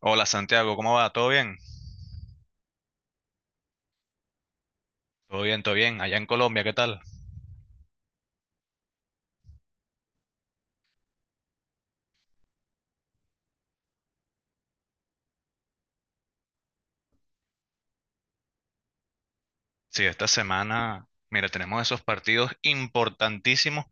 Hola Santiago, ¿cómo va? ¿Todo bien? Todo bien, todo bien. Allá en Colombia, ¿qué tal? Sí, esta semana, mira, tenemos esos partidos importantísimos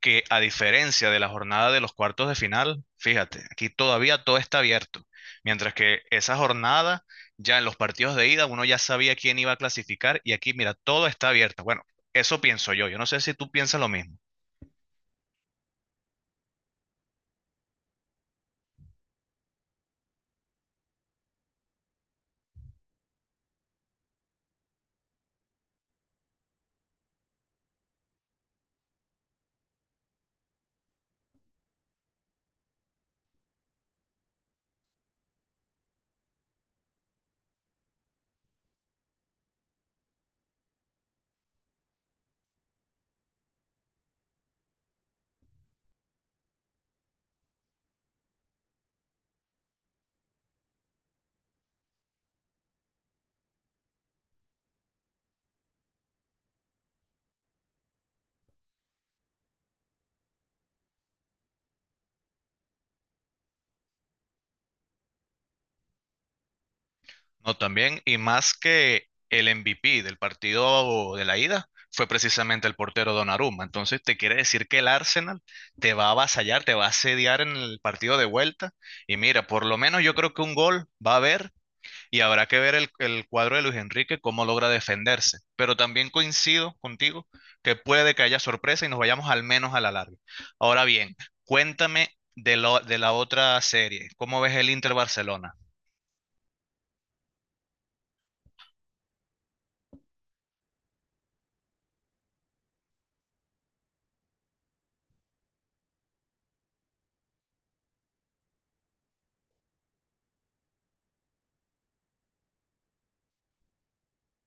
que a diferencia de la jornada de los cuartos de final, fíjate, aquí todavía todo está abierto. Mientras que esa jornada, ya en los partidos de ida, uno ya sabía quién iba a clasificar y aquí, mira, todo está abierto. Bueno, eso pienso yo. Yo no sé si tú piensas lo mismo. No, también, y más que el MVP del partido de la ida fue precisamente el portero Donnarumma. Entonces, te quiere decir que el Arsenal te va a avasallar, te va a asediar en el partido de vuelta. Y mira, por lo menos yo creo que un gol va a haber y habrá que ver el cuadro de Luis Enrique cómo logra defenderse. Pero también coincido contigo que puede que haya sorpresa y nos vayamos al menos a la larga. Ahora bien, cuéntame de la otra serie. ¿Cómo ves el Inter Barcelona?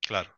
Claro.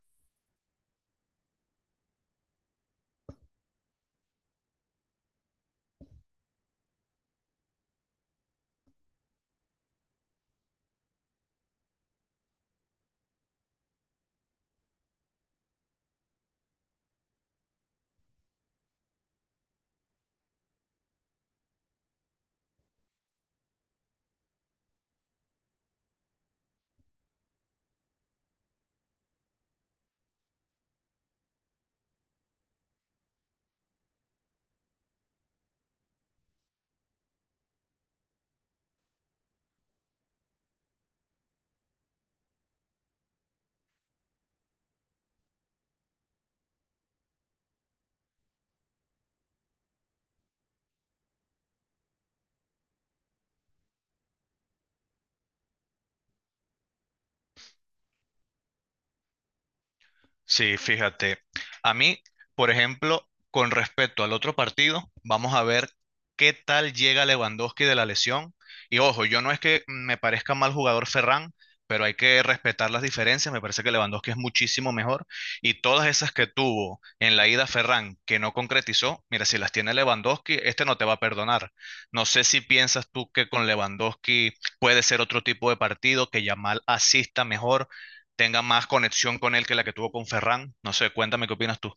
Sí, fíjate. A mí, por ejemplo, con respecto al otro partido, vamos a ver qué tal llega Lewandowski de la lesión. Y ojo, yo no es que me parezca mal jugador Ferran, pero hay que respetar las diferencias. Me parece que Lewandowski es muchísimo mejor. Y todas esas que tuvo en la ida Ferran, que no concretizó, mira, si las tiene Lewandowski, este no te va a perdonar. No sé si piensas tú que con Lewandowski puede ser otro tipo de partido, que Yamal asista mejor tenga más conexión con él que la que tuvo con Ferran. No sé, cuéntame qué opinas tú.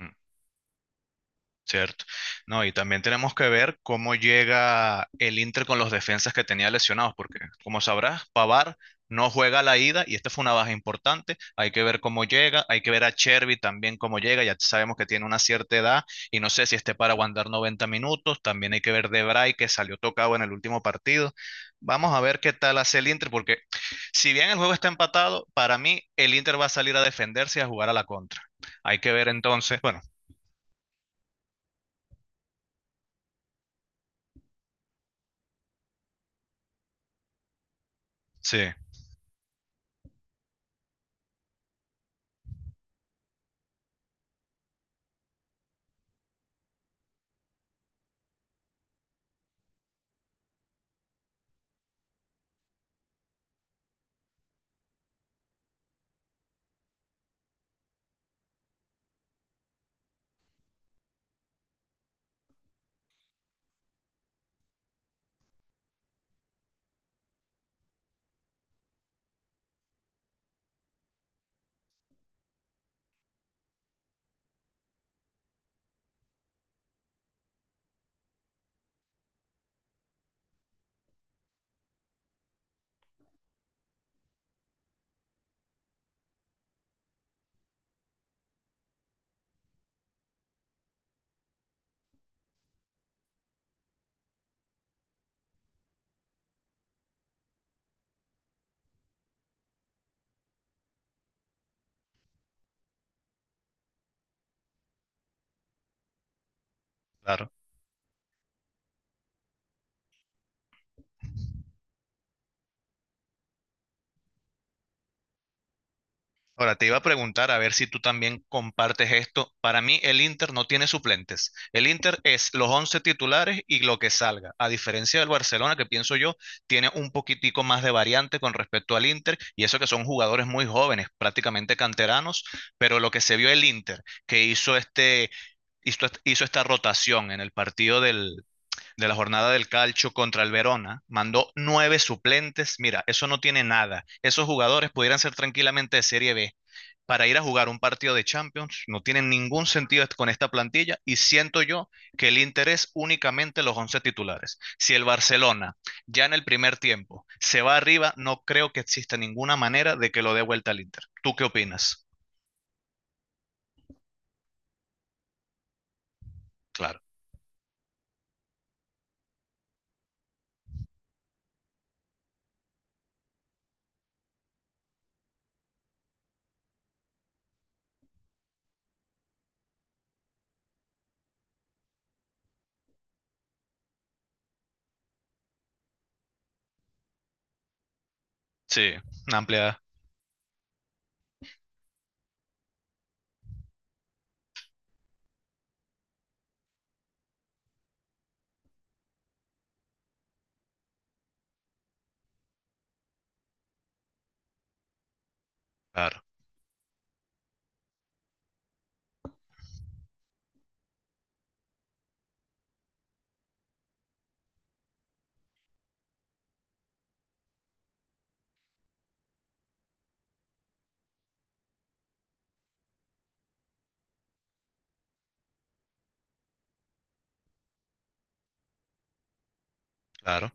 Mm. Cierto. No, y también tenemos que ver cómo llega el Inter con los defensas que tenía lesionados, porque como sabrás, Pavar no juega a la ida y esta fue una baja importante. Hay que ver cómo llega, hay que ver a Chervi también cómo llega. Ya sabemos que tiene una cierta edad y no sé si esté para aguantar 90 minutos. También hay que ver Debray que salió tocado en el último partido. Vamos a ver qué tal hace el Inter, porque si bien el juego está empatado, para mí el Inter va a salir a defenderse y a jugar a la contra. Hay que ver entonces, bueno, sí. Claro. Ahora, te iba a preguntar a ver si tú también compartes esto. Para mí, el Inter no tiene suplentes. El Inter es los 11 titulares y lo que salga. A diferencia del Barcelona, que pienso yo, tiene un poquitico más de variante con respecto al Inter, y eso que son jugadores muy jóvenes, prácticamente canteranos, pero lo que se vio el Inter, que hizo esta rotación en el partido de la jornada del Calcio contra el Verona, mandó 9 suplentes. Mira, eso no tiene nada. Esos jugadores pudieran ser tranquilamente de Serie B para ir a jugar un partido de Champions. No tiene ningún sentido con esta plantilla y siento yo que el interés únicamente los 11 titulares. Si el Barcelona ya en el primer tiempo se va arriba, no creo que exista ninguna manera de que lo dé vuelta al Inter. ¿Tú qué opinas? Claro. Sí, una amplia. Claro, claro.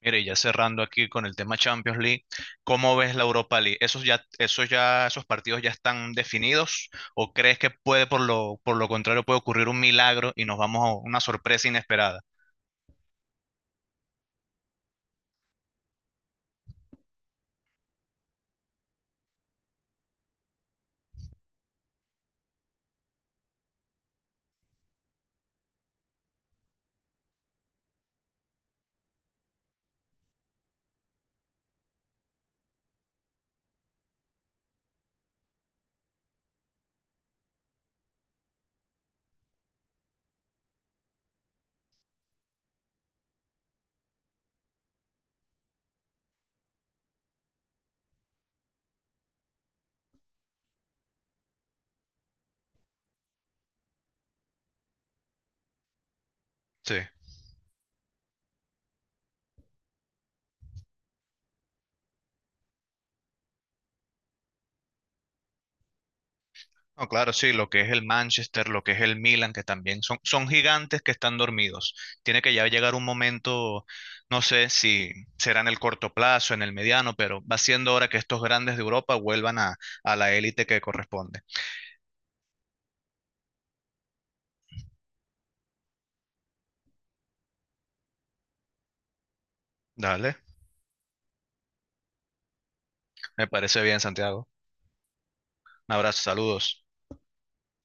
Mire, y ya cerrando aquí con el tema Champions League, ¿cómo ves la Europa League? Esos partidos ya están definidos? ¿O crees que puede, por lo contrario, puede ocurrir un milagro y nos vamos a una sorpresa inesperada? Sí. No, claro, sí, lo que es el Manchester, lo que es el Milan, que también son gigantes que están dormidos. Tiene que ya llegar un momento, no sé si será en el corto plazo, en el mediano, pero va siendo hora que estos grandes de Europa vuelvan a la élite que corresponde. Dale, me parece bien, Santiago. Un abrazo, saludos.